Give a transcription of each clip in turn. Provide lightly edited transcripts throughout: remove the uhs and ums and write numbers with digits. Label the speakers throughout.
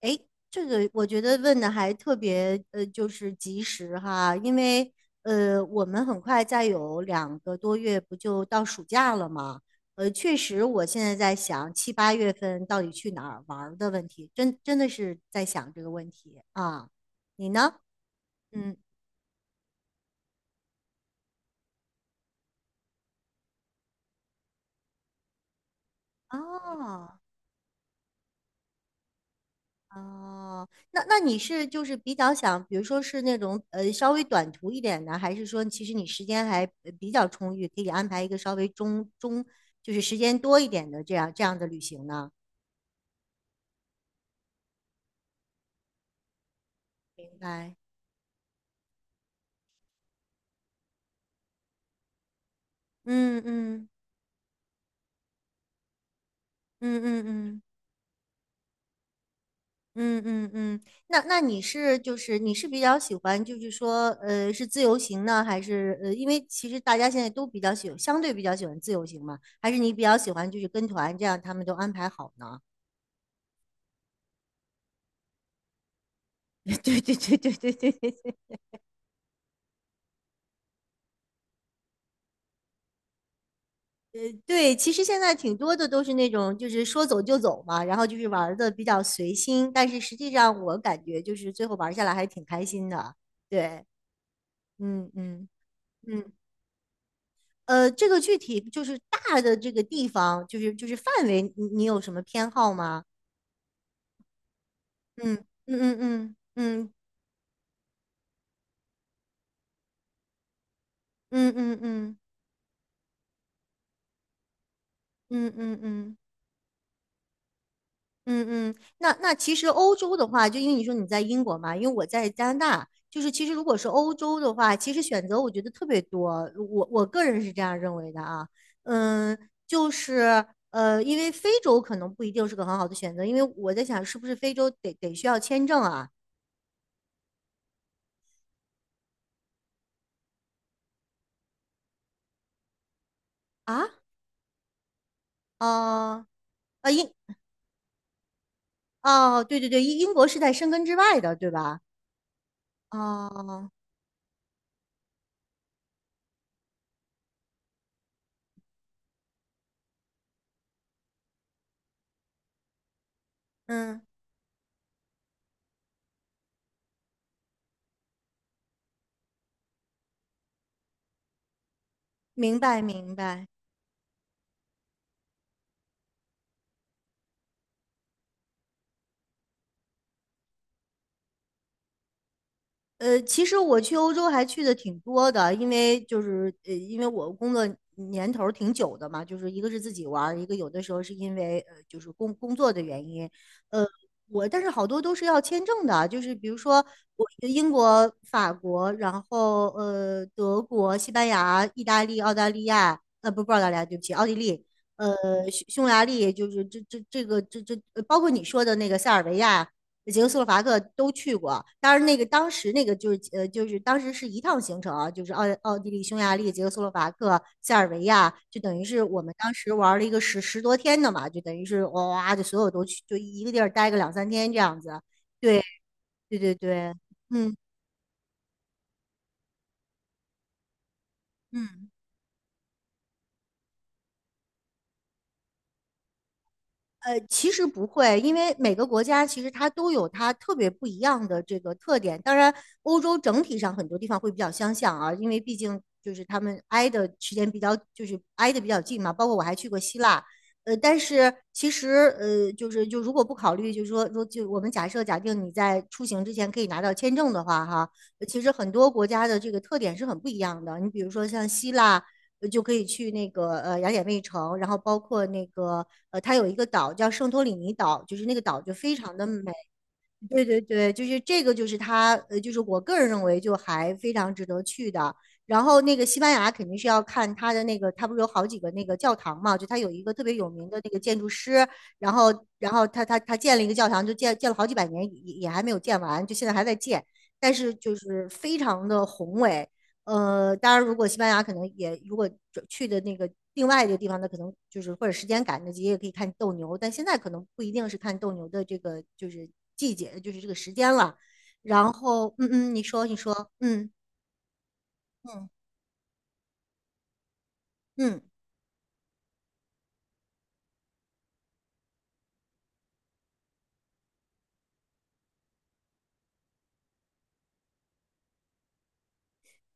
Speaker 1: 哎，这个我觉得问的还特别就是及时哈，因为我们很快再有两个多月不就到暑假了吗？确实，我现在在想七八月份到底去哪儿玩儿的问题，真的是在想这个问题啊。你呢？嗯，哦。哦，那你是就是比较想，比如说是那种稍微短途一点的，还是说其实你时间还比较充裕，可以安排一个稍微就是时间多一点的这样的旅行呢？明白。嗯嗯嗯嗯嗯嗯嗯嗯，那你是就是你是比较喜欢就是说是自由行呢，还是因为其实大家现在都比较相对比较喜欢自由行嘛，还是你比较喜欢就是跟团这样他们都安排好呢？对对对对对对对对，对，其实现在挺多的都是那种，就是说走就走嘛，然后就是玩的比较随心，但是实际上我感觉就是最后玩下来还挺开心的。对，嗯嗯。嗯，这个具体就是大的这个地方，就是就是范围，你有什么偏好吗？嗯嗯嗯嗯嗯嗯嗯嗯嗯嗯嗯嗯。嗯嗯嗯嗯嗯，那那其实欧洲的话，就因为你说你在英国嘛，因为我在加拿大，就是其实如果是欧洲的话，其实选择我觉得特别多，我个人是这样认为的啊，嗯，就是因为非洲可能不一定是个很好的选择，因为我在想是不是非洲得需要签证啊啊哦啊英哦对对对，英国是在申根之外的，对吧？哦，嗯，明白明白。其实我去欧洲还去的挺多的，因为就是因为我工作年头儿挺久的嘛，就是一个是自己玩儿一个有的时候是因为就是工作的原因，呃，我但是好多都是要签证的，就是比如说我英国、法国，然后德国、西班牙、意大利、澳大利亚，呃不不澳大利亚，对不起，奥地利，呃匈牙利，就是这这这个这这呃包括你说的那个塞尔维亚。捷克斯洛伐克都去过。当然，那个当时那个就是就是当时是一趟行程啊，就是奥地利、匈牙利、捷克斯洛伐克、塞尔维亚，就等于是我们当时玩了一个十多天的嘛，就等于是哇就所有都去，就一个地儿待个两三天这样子。对对对对，嗯嗯。其实不会，因为每个国家其实它都有它特别不一样的这个特点。当然，欧洲整体上很多地方会比较相像啊，因为毕竟就是他们挨的时间比较，就是挨得比较近嘛。包括我还去过希腊，但是其实就是就如果不考虑，就是说就我们假定你在出行之前可以拿到签证的话，哈，其实很多国家的这个特点是很不一样的。你比如说像希腊。就可以去那个雅典卫城，然后包括那个它有一个岛叫圣托里尼岛，就是那个岛就非常的美。对对对，就是这个，就是它就是我个人认为就还非常值得去的。然后那个西班牙肯定是要看它的那个，它不是有好几个那个教堂嘛？就它有一个特别有名的那个建筑师，然后然后他建了一个教堂，就建了好几百年，也还没有建完，就现在还在建，但是就是非常的宏伟。当然，如果西班牙可能也如果去的那个另外一个地方，那可能就是或者时间赶得及，也可以看斗牛，但现在可能不一定是看斗牛的这个就是季节，就是这个时间了。然后，嗯嗯，你说，你说，嗯嗯嗯，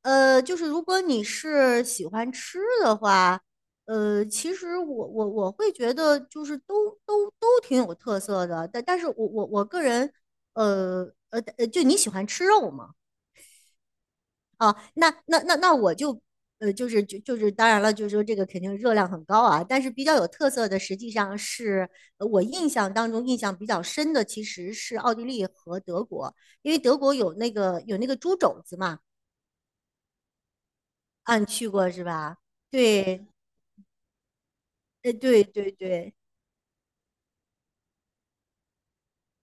Speaker 1: 就是如果你是喜欢吃的话，其实我会觉得就是都挺有特色的，但是我个人，呃就你喜欢吃肉吗？哦，那我就，就是就是当然了，就是说这个肯定热量很高啊，但是比较有特色的，实际上是我印象当中印象比较深的，其实是奥地利和德国，因为德国有那个猪肘子嘛，啊，你去过是吧？对，对对对。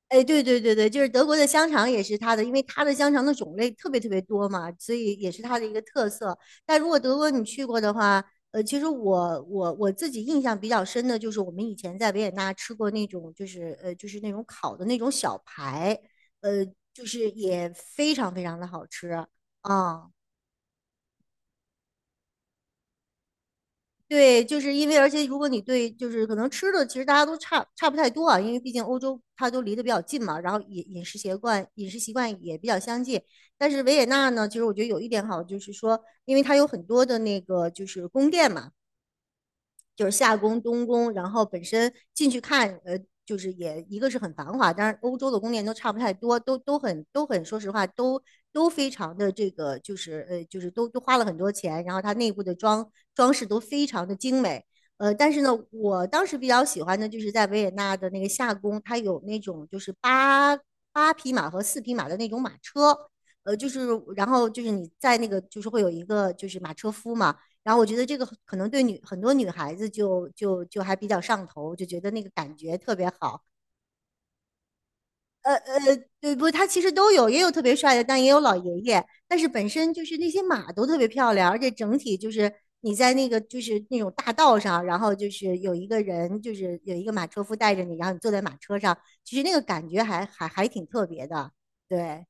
Speaker 1: 哎，对对对对，就是德国的香肠也是它的，因为它的香肠的种类特别特别多嘛，所以也是它的一个特色。但如果德国你去过的话，其实我自己印象比较深的就是我们以前在维也纳吃过那种，就是就是那种烤的那种小排，呃，就是也非常非常的好吃啊。对，就是因为，而且如果你对，就是可能吃的，其实大家都差不太多啊，因为毕竟欧洲它都离得比较近嘛，然后饮食习惯饮食习惯也比较相近。但是维也纳呢，其实我觉得有一点好，就是说，因为它有很多的那个就是宫殿嘛，就是夏宫、东宫，然后本身进去看，就是也一个是很繁华，当然欧洲的宫殿都差不太多，都很，说实话都非常的这个，就是就是都花了很多钱，然后它内部的装饰都非常的精美，但是呢，我当时比较喜欢的就是在维也纳的那个夏宫，它有那种就是八匹马和四匹马的那种马车。就是，然后就是你在那个，就是会有一个就是马车夫嘛，然后我觉得这个可能对很多女孩子就还比较上头，就觉得那个感觉特别好。呃呃，对不？他其实都有，也有特别帅的，但也有老爷爷。但是本身就是那些马都特别漂亮，而且整体就是你在那个就是那种大道上，然后就是有一个人，就是有一个马车夫带着你，然后你坐在马车上，其实那个感觉还挺特别的。对，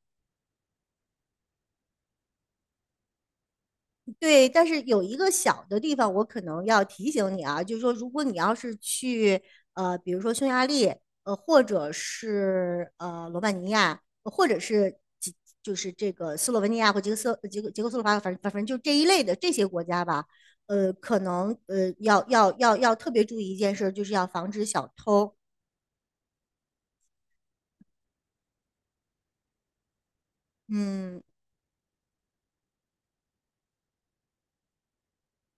Speaker 1: 对，但是有一个小的地方，我可能要提醒你啊，就是说，如果你要是去比如说匈牙利，或者是罗马尼亚，或者是就是这个斯洛文尼亚或捷克斯洛伐克，反正就这一类的这些国家吧，可能要特别注意一件事就是要防止小偷。嗯，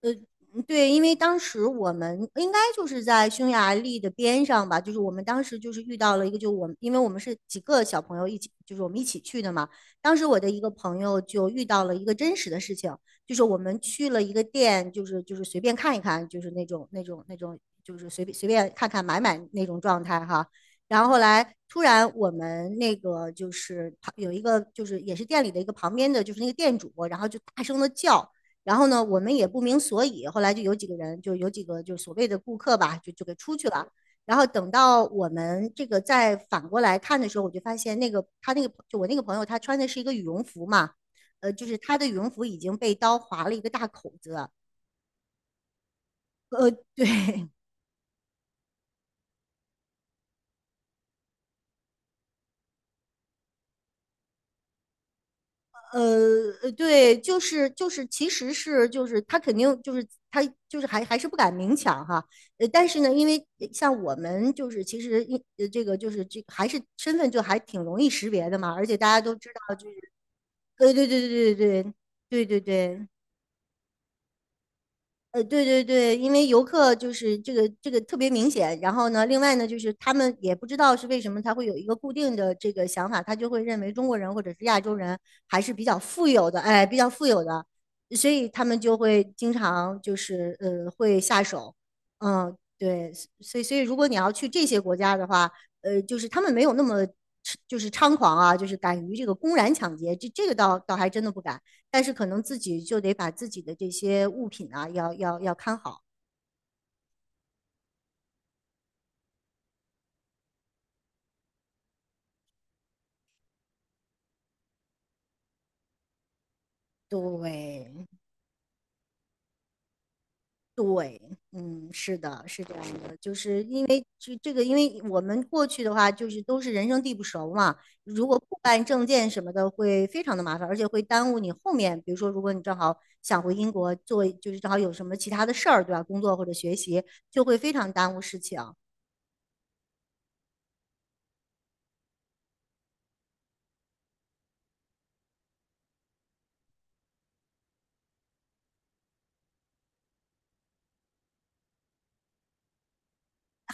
Speaker 1: 呃，嗯对，因为当时我们应该就是在匈牙利的边上吧，就是我们当时就是遇到了一个，就我们因为我们是几个小朋友一起，就是我们一起去的嘛。当时我的一个朋友就遇到了一个真实的事情，就是我们去了一个店，就是随便看一看，就是那种，就是随便看看买那种状态哈。然后后来突然我们那个就是旁有一个就是也是店里的一个旁边的就是那个店主，然后就大声的叫。然后呢，我们也不明所以，后来就有几个人，就有几个就所谓的顾客吧，就给出去了。然后等到我们这个再反过来看的时候，我就发现那个他那个就我那个朋友，他穿的是一个羽绒服嘛，就是他的羽绒服已经被刀划了一个大口子，对，对，就是，其实是就是他肯定就是他就是还是不敢明抢哈，但是呢，因为像我们就是其实这个就是这还是身份就还挺容易识别的嘛，而且大家都知道就是，对对对对对对对对。对对对，因为游客就是这个这个特别明显，然后呢，另外呢，就是他们也不知道是为什么他会有一个固定的这个想法，他就会认为中国人或者是亚洲人还是比较富有的，哎，比较富有的，所以他们就会经常就是会下手，嗯，对，所以如果你要去这些国家的话，就是他们没有那么就是猖狂啊，就是敢于这个公然抢劫，这个倒还真的不敢。但是可能自己就得把自己的这些物品啊，要看好。对对，嗯，是的，是这样的，就是因为这个，因为我们过去的话，就是都是人生地不熟嘛，如果不办证件什么的，会非常的麻烦，而且会耽误你后面，比如说，如果你正好想回英国做，就是正好有什么其他的事儿，对吧？工作或者学习，就会非常耽误事情。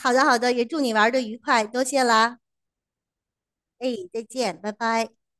Speaker 1: 好的，好的，也祝你玩的愉快，多谢啦，哎，再见，拜拜。